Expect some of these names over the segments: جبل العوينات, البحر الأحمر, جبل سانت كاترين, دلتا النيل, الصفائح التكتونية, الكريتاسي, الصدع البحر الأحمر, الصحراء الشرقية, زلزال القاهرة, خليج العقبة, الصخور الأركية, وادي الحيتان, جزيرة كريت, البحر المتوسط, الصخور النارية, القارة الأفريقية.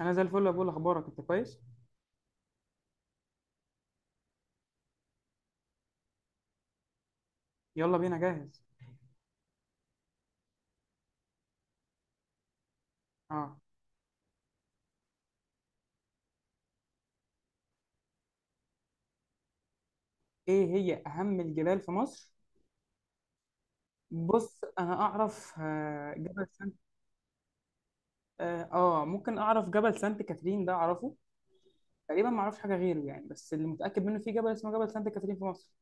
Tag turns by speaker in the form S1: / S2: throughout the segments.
S1: انا زي الفل يا بقول اخبارك انت كويس. يلا بينا، جاهز. اه، ايه هي اهم الجبال في مصر؟ بص انا اعرف جبل سانت. اه ممكن اعرف، جبل سانت كاترين ده اعرفه. تقريبا ما اعرفش حاجه غيره يعني، بس اللي متاكد منه في جبل اسمه جبل سانت كاترين في مصر.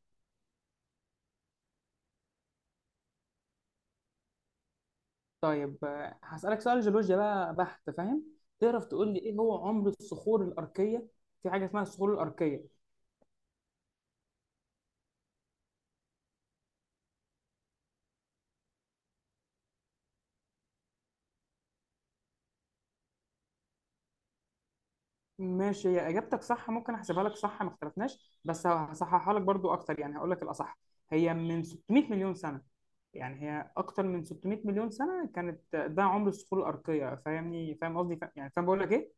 S1: طيب هسالك سؤال جيولوجيا بقى بحت، فاهم؟ تعرف تقول لي ايه هو عمر الصخور الاركيه؟ في حاجه اسمها الصخور الاركيه. ماشي، هي اجابتك صح، ممكن احسبها لك صح، ما اختلفناش، بس هصححها لك برضو اكتر يعني، هقول لك الاصح. هي من 600 مليون سنه، يعني هي اكتر من 600 مليون سنه كانت، ده عمر الصخور الارقيه، فاهمني؟ فاهم قصدي؟ يعني فاهم بقول لك ايه.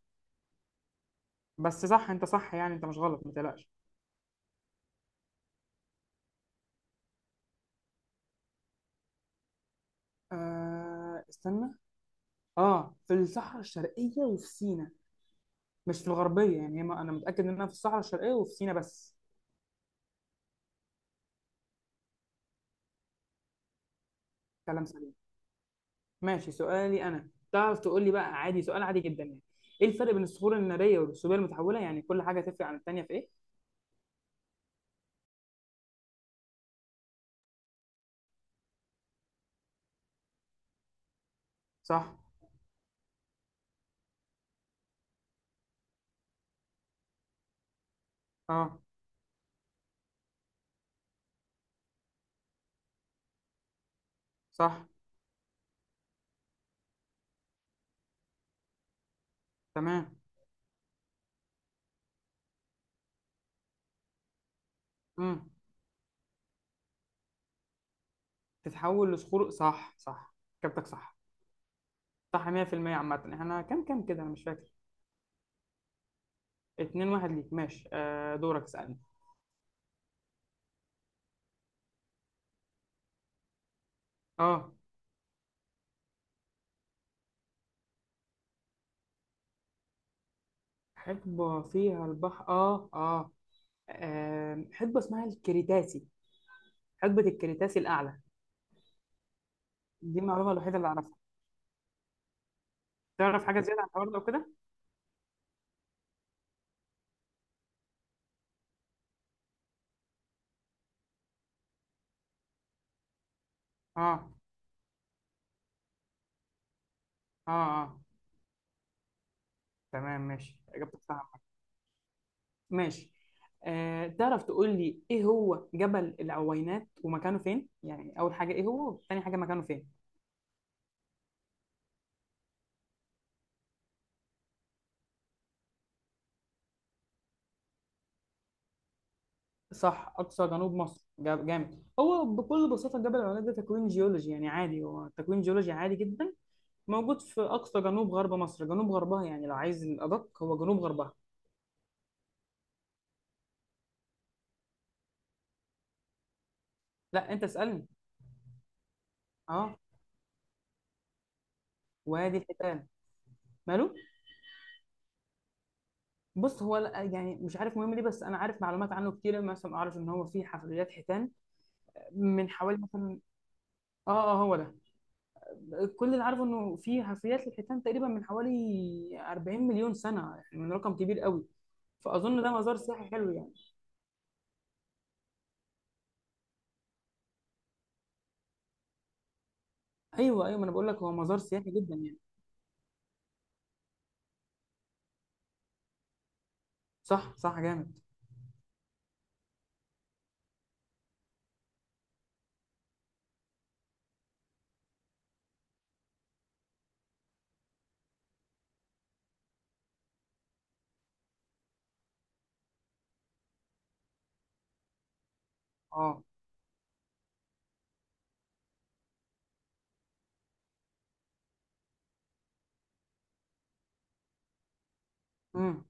S1: بس صح، انت صح يعني، انت مش غلط، ما تقلقش. آه استنى، اه، في الصحراء الشرقيه وفي سينا، مش في الغربيه يعني، هي ما- انا متاكد انها في الصحراء الشرقيه وفي سينا بس. كلام سليم. ماشي، سؤالي انا، تعرف تقول لي بقى، عادي سؤال عادي جدا يعني، ايه الفرق بين الصخور الناريه والرسوبيه المتحوله؟ يعني كل حاجه تفرق عن التانيه في ايه؟ صح. اه صح. تمام. امم. تتحول لصخور، صح صح. كابتك صح. صح 100% عامه. احنا كام كام كده، انا مش فاكر. 2 1 ليك، ماشي، آه دورك، اسالني. اه. حقبه فيها البحر، اه اه، حقبه اسمها الكريتاسي، حقبه الكريتاسي الاعلى. دي المعلومه الوحيده اللي اعرفها. تعرف حاجه زياده عن الحوار ده وكده؟ اه اه اه. تمام، ماشي اجابتك صح. ماشي، آه تعرف تقول لي ايه هو جبل العوينات ومكانه فين؟ يعني اول حاجه ايه هو، تاني حاجه مكانه فين. صح، اقصى جنوب مصر. جامد. هو بكل بساطه جبل العوينات ده تكوين جيولوجي يعني، عادي هو تكوين جيولوجي عادي جدا، موجود في اقصى جنوب غرب مصر، جنوب غربها يعني، لو عايز الادق هو جنوب غربها. لا انت اسالني. اه. وادي الحيتان. ماله؟ بص هو يعني مش عارف مهم ليه، بس انا عارف معلومات عنه كتير. مثلا اعرف ان هو فيه حفريات حيتان من حوالي مثلا. اه اه، هو ده. كل اللي عارفه انه في حفريات للحيتان تقريبا من حوالي 40 مليون سنه، يعني من رقم كبير قوي. فاظن ده مزار سياحي حلو يعني. ايوه ايوه، ما انا بقول لك هو مزار سياحي جدا يعني. صح صح، جامد. اه. امم.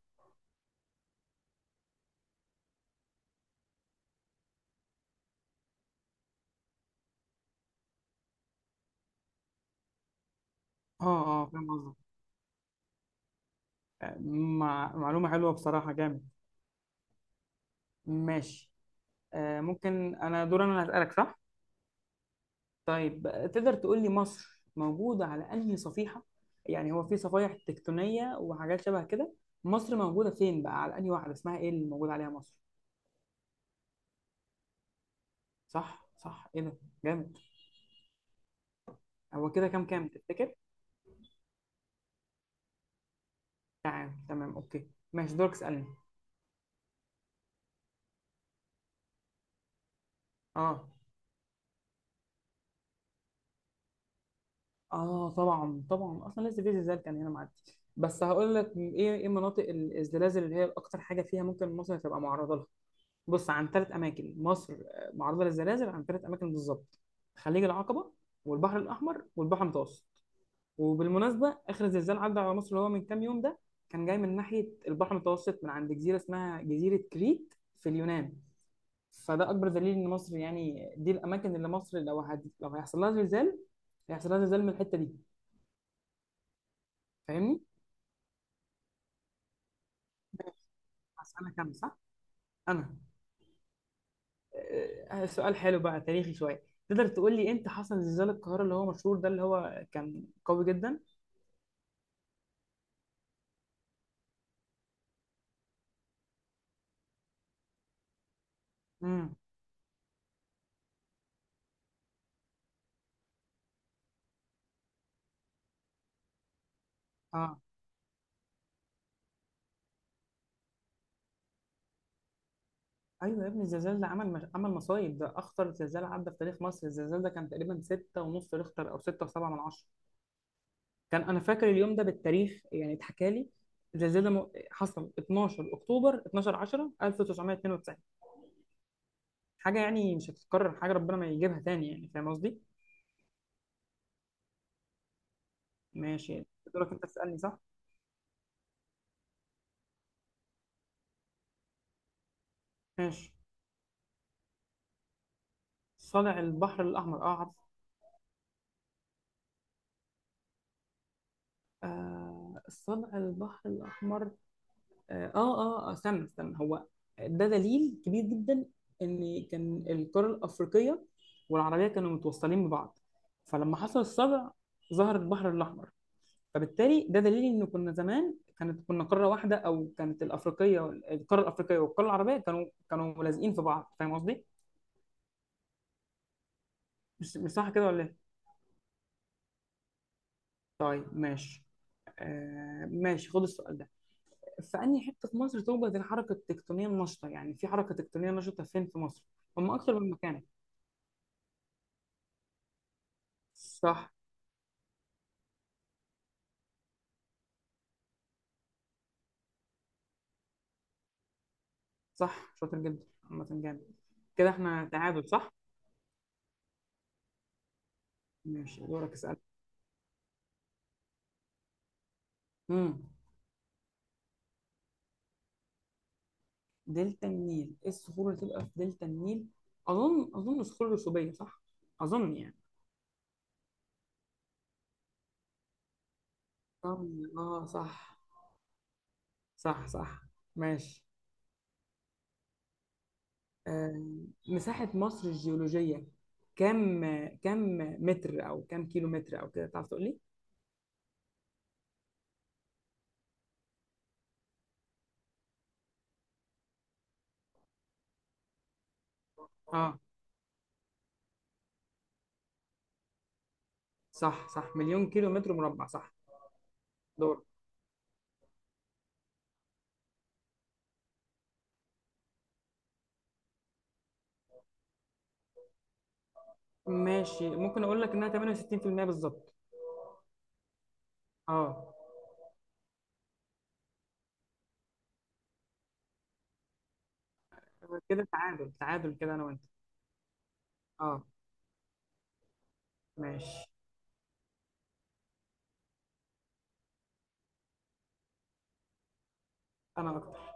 S1: اه اه، فاهم قصدك. آه، معلومه حلوه بصراحه، جامد. ماشي، آه ممكن انا دور، انا اللي هسالك صح؟ طيب، تقدر تقول لي مصر موجودة على أنهي صفيحة؟ يعني هو في صفائح تكتونية وحاجات شبه كده، مصر موجودة فين بقى، على أنهي واحدة، اسمها إيه اللي موجود عليها مصر؟ صح صح، إيه ده، جامد. هو كده كام كام تفتكر؟ تمام تمام، أوكي ماشي، دورك اسألني. آه آه، طبعا طبعا، أصلا لسه في زلزال كان هنا معدي، بس هقول لك إيه إيه مناطق الزلازل اللي هي أكتر حاجة فيها ممكن مصر تبقى معرضة لها. بص، عن ثلاث اماكن مصر معرضه للزلازل، عن ثلاث اماكن بالظبط: خليج العقبه والبحر الاحمر والبحر المتوسط. وبالمناسبه اخر زلزال عدى على مصر اللي هو من كام يوم ده، كان جاي من ناحيه البحر المتوسط، من عند جزيره اسمها جزيره كريت في اليونان. فده اكبر دليل ان مصر يعني، دي الاماكن اللي مصر لو هيحصل لها زلزال، هيحصل لها زلزال من الحته دي. فاهمني؟ هسألك انا صح؟ انا سؤال حلو بقى، تاريخي شويه. تقدر تقول لي امتى حصل زلزال القاهره اللي هو مشهور ده، اللي هو كان قوي جدا؟ امم اه. ايوه يا ابني، الزلزال ده عمل مش... عمل مصايب، ده اخطر زلزال عدى في تاريخ مصر. الزلزال ده كان تقريبا ستة ونص ريختر او ستة وسبعة من عشرة. كان انا فاكر اليوم ده بالتاريخ يعني، اتحكى لي. الزلزال ده حصل 12 اكتوبر، 12 10 1992. حاجه يعني مش هتتكرر، حاجه ربنا ما يجيبها تاني يعني، فاهم قصدي؟ ماشي، دورك انت تسالني صح. ماشي، صلع البحر الاحمر، اه عارف. آه الصدع البحر الأحمر، استنى استنى، هو ده دليل كبير جدا إن كان القارة الأفريقية والعربية كانوا متوصلين ببعض، فلما حصل الصدع ظهر البحر الأحمر. فبالتالي ده دليل إن كنا زمان، كانت كنا قارة واحدة، أو كانت الأفريقية القارة الأفريقية والقارة العربية كانوا ملازقين في بعض، فاهم قصدي؟ مش صح كده ولا إيه؟ طيب ماشي. آه ماشي، خد السؤال ده: في انهي حته في مصر توجد الحركه التكتونيه النشطه؟ يعني في حركه تكتونيه نشطه فين في مصر؟ هم اكتر من مكان. صح صح، شاطر جدا، عامه جامد. كده احنا تعادل صح. ماشي، دورك اسال. امم، دلتا النيل، ايه الصخور اللي تبقى في دلتا النيل؟ اظن صخور رسوبيه صح، اظن يعني. اه صح صح صح. ماشي. آه. مساحه مصر الجيولوجيه كم كم متر، او كم كيلو متر او كده، تعرف تقول لي؟ اه صح صح، مليون كيلو متر مربع صح. دور. ماشي، ممكن اقول لك انها 68% بالظبط. اه، كده تعادل تعادل كده انا وانت. اه ماشي، انا اكتر.